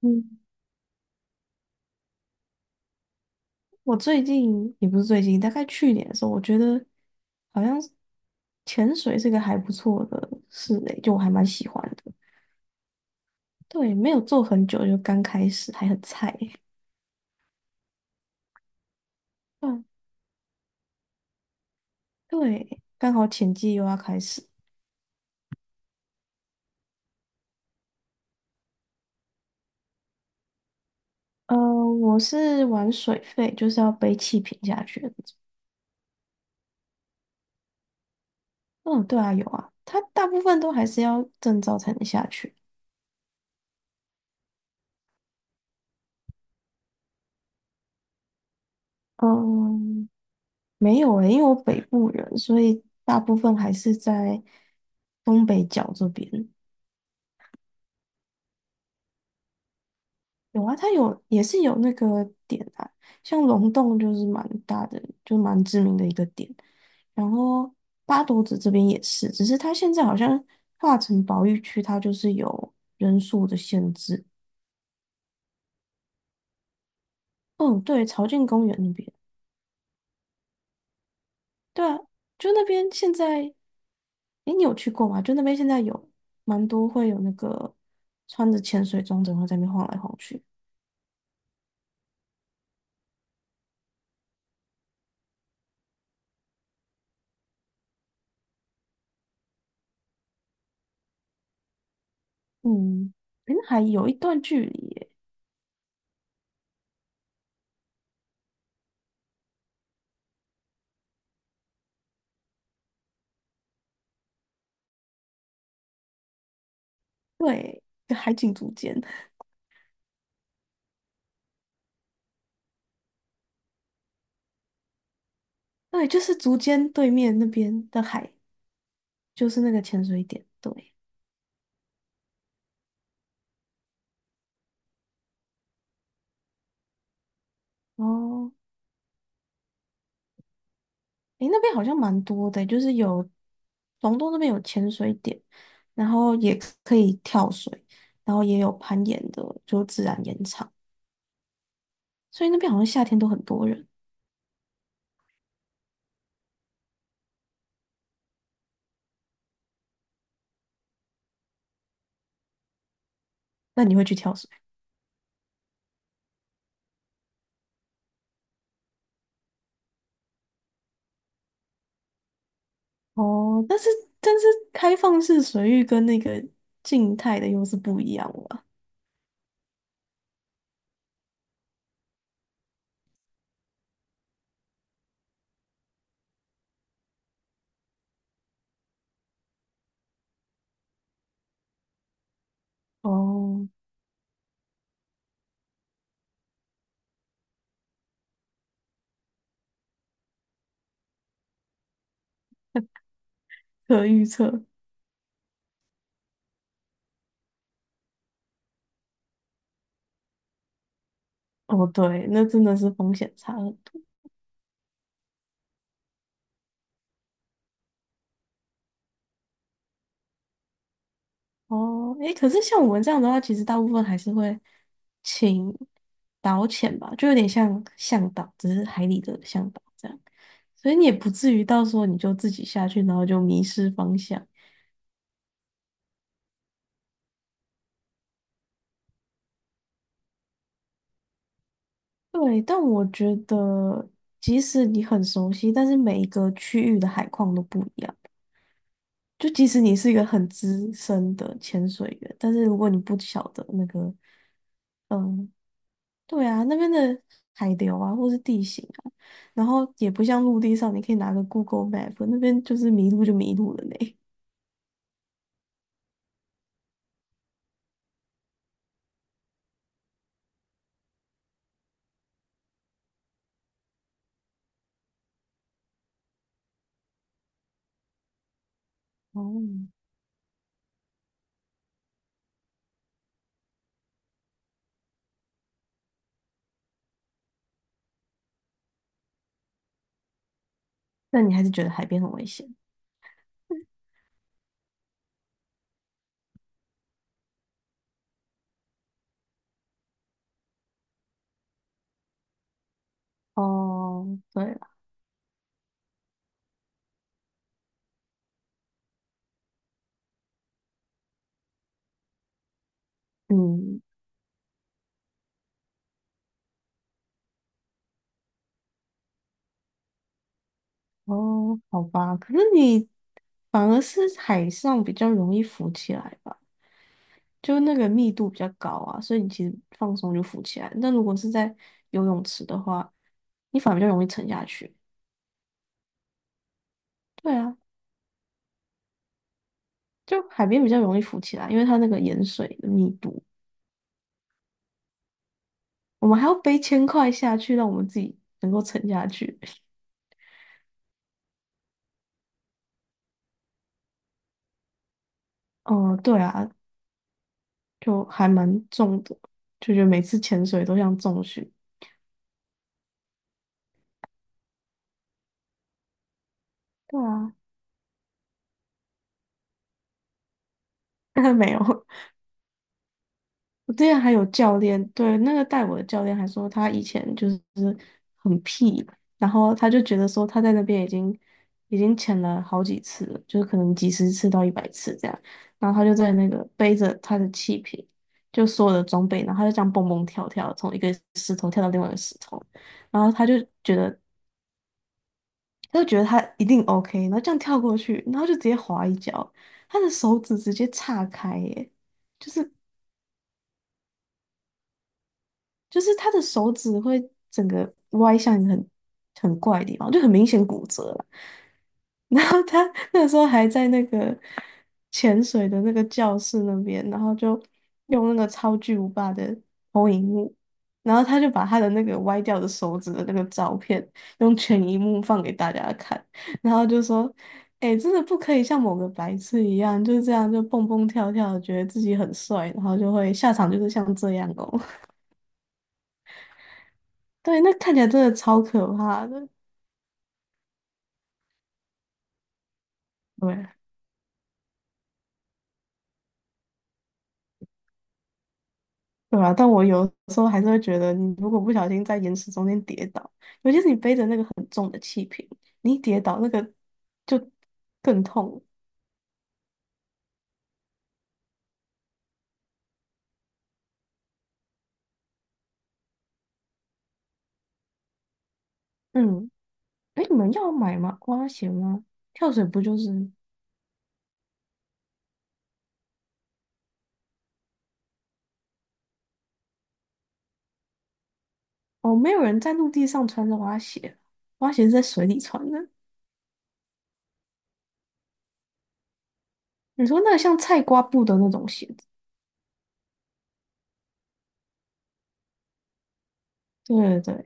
嗯，我最近也不是最近，大概去年的时候，我觉得好像是潜水是个还不错的事诶，就我还蛮喜欢的。对，没有做很久，就刚开始，还很菜。嗯，对，刚好潜季又要开始。呃，我是玩水肺，就是要背气瓶下去的那种。嗯，对啊，有啊，它大部分都还是要证照才能下去。嗯，没有诶，因为我北部人，所以大部分还是在东北角这边。有啊，它有也是有那个点啊，像龙洞就是蛮大的，就蛮知名的一个点。然后八斗子这边也是，只是它现在好像划成保育区，它就是有人数的限制。嗯，对，朝境公园那边。对啊，就那边现在，诶，你有去过吗？就那边现在有蛮多会有那个穿着潜水装，整个在那边晃来晃去。嗯，云还有一段距离耶。对，跟海景竹间。对，就是竹间对面那边的海，就是那个潜水点。对。哦，诶，那边好像蛮多的，就是有龙洞那边有潜水点，然后也可以跳水，然后也有攀岩的，就自然岩场，所以那边好像夏天都很多人。那你会去跳水？哦，但是但是开放式水域跟那个静态的又是不一样了。哦，可预测。哦，对，那真的是风险差很多。哦。诶，可是像我们这样的话，其实大部分还是会请导潜吧，就有点像向导，只是海里的向导这样。所以你也不至于到时候你就自己下去，然后就迷失方向。对，但我觉得即使你很熟悉，但是每一个区域的海况都不一样。就即使你是一个很资深的潜水员，但是如果你不晓得那个，嗯，对啊，那边的海流啊，或是地形啊，然后也不像陆地上，你可以拿个 Google Map，那边就是迷路就迷路了呢。哦。 那你还是觉得海边很危险？哦，对了。嗯。哦，好吧，可是你反而是海上比较容易浮起来吧，就那个密度比较高啊，所以你其实放松就浮起来。那如果是在游泳池的话，你反而比较容易沉下去。对啊，就海边比较容易浮起来，因为它那个盐水的密度。我们还要背千块下去，让我们自己能够沉下去。哦、对啊，就还蛮重的，就觉得每次潜水都像重训。对啊，没有。我之前还有教练，对，那个带我的教练还说他以前就是很屁，然后他就觉得说他在那边已经潜了好几次了，就是可能几十次到100次这样，然后他就在那个背着他的气瓶，就所有的装备，然后他就这样蹦蹦跳跳，从一个石头跳到另外一个石头，然后觉得他就觉得他一定 OK，然后这样跳过去，然后就直接滑一跤，他的手指直接岔开耶，就是他的手指会整个歪向一个很怪的地方，就很明显骨折了。然后他那时候还在那个潜水的那个教室那边，然后就用那个超巨无霸的投影幕，然后他就把他的那个歪掉的手指的那个照片用全荧幕放给大家看，然后就说：“哎、真的不可以像某个白痴一样，就是这样就蹦蹦跳跳的，觉得自己很帅，然后就会下场就是像这样哦。”对，那看起来真的超可怕的。对。对啊，但我有时候还是会觉得，你如果不小心在岩石中间跌倒，尤其是你背着那个很重的气瓶，你一跌倒那个就更痛。嗯，哎，你们要买吗？蛙鞋吗？跳水不就是？哦，没有人在陆地上穿着蛙鞋，蛙鞋是在水里穿的。你说那个像菜瓜布的那种鞋子，对对对，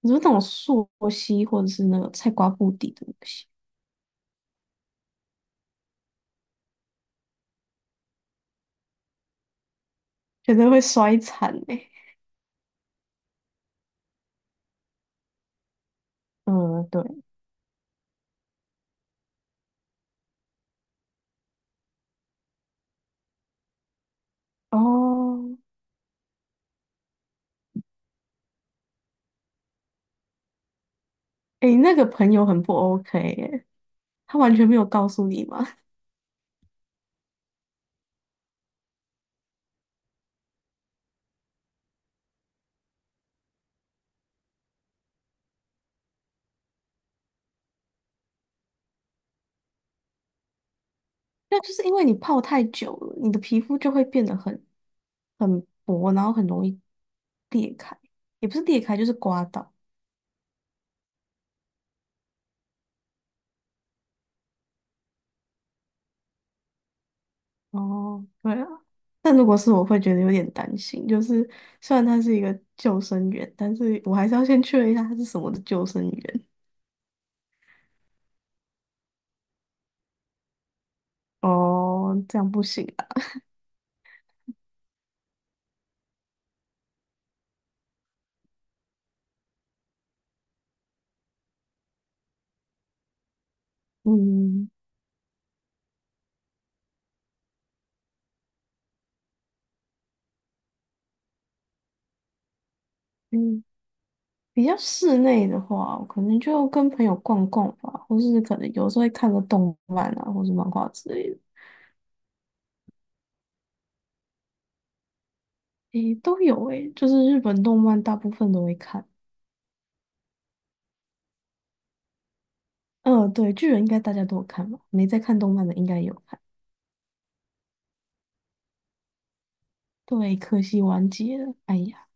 你说那种溯溪或者是那个菜瓜布底的东西，觉得会摔惨哎、欸。嗯，对。哦，诶，那个朋友很不 OK 耶，他完全没有告诉你吗？那就是因为你泡太久了，你的皮肤就会变得很薄，然后很容易裂开，也不是裂开，就是刮到。哦，对啊，但如果是我会觉得有点担心，就是虽然他是一个救生员，但是我还是要先确认一下他是什么的救生员。哦，这样不行啊。嗯。嗯，比较室内的话，我可能就跟朋友逛逛吧，或是可能有时候会看个动漫啊，或是漫画之类的。诶，都有诶，就是日本动漫大部分都会看。嗯、对，巨人应该大家都有看吧，没在看动漫的应该也有看。对，可惜完结了，哎呀。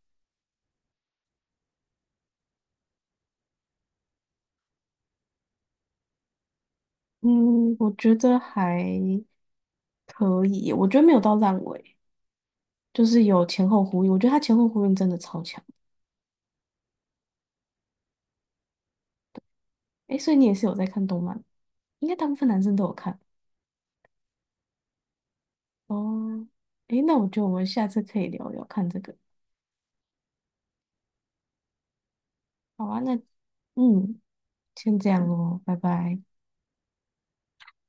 嗯，我觉得还可以，我觉得没有到烂尾，就是有前后呼应，我觉得他前后呼应真的超强。诶，所以你也是有在看动漫，应该大部分男生都有看。哦，诶，那我觉得我们下次可以聊聊看这个。好啊，那嗯，先这样哦，拜拜。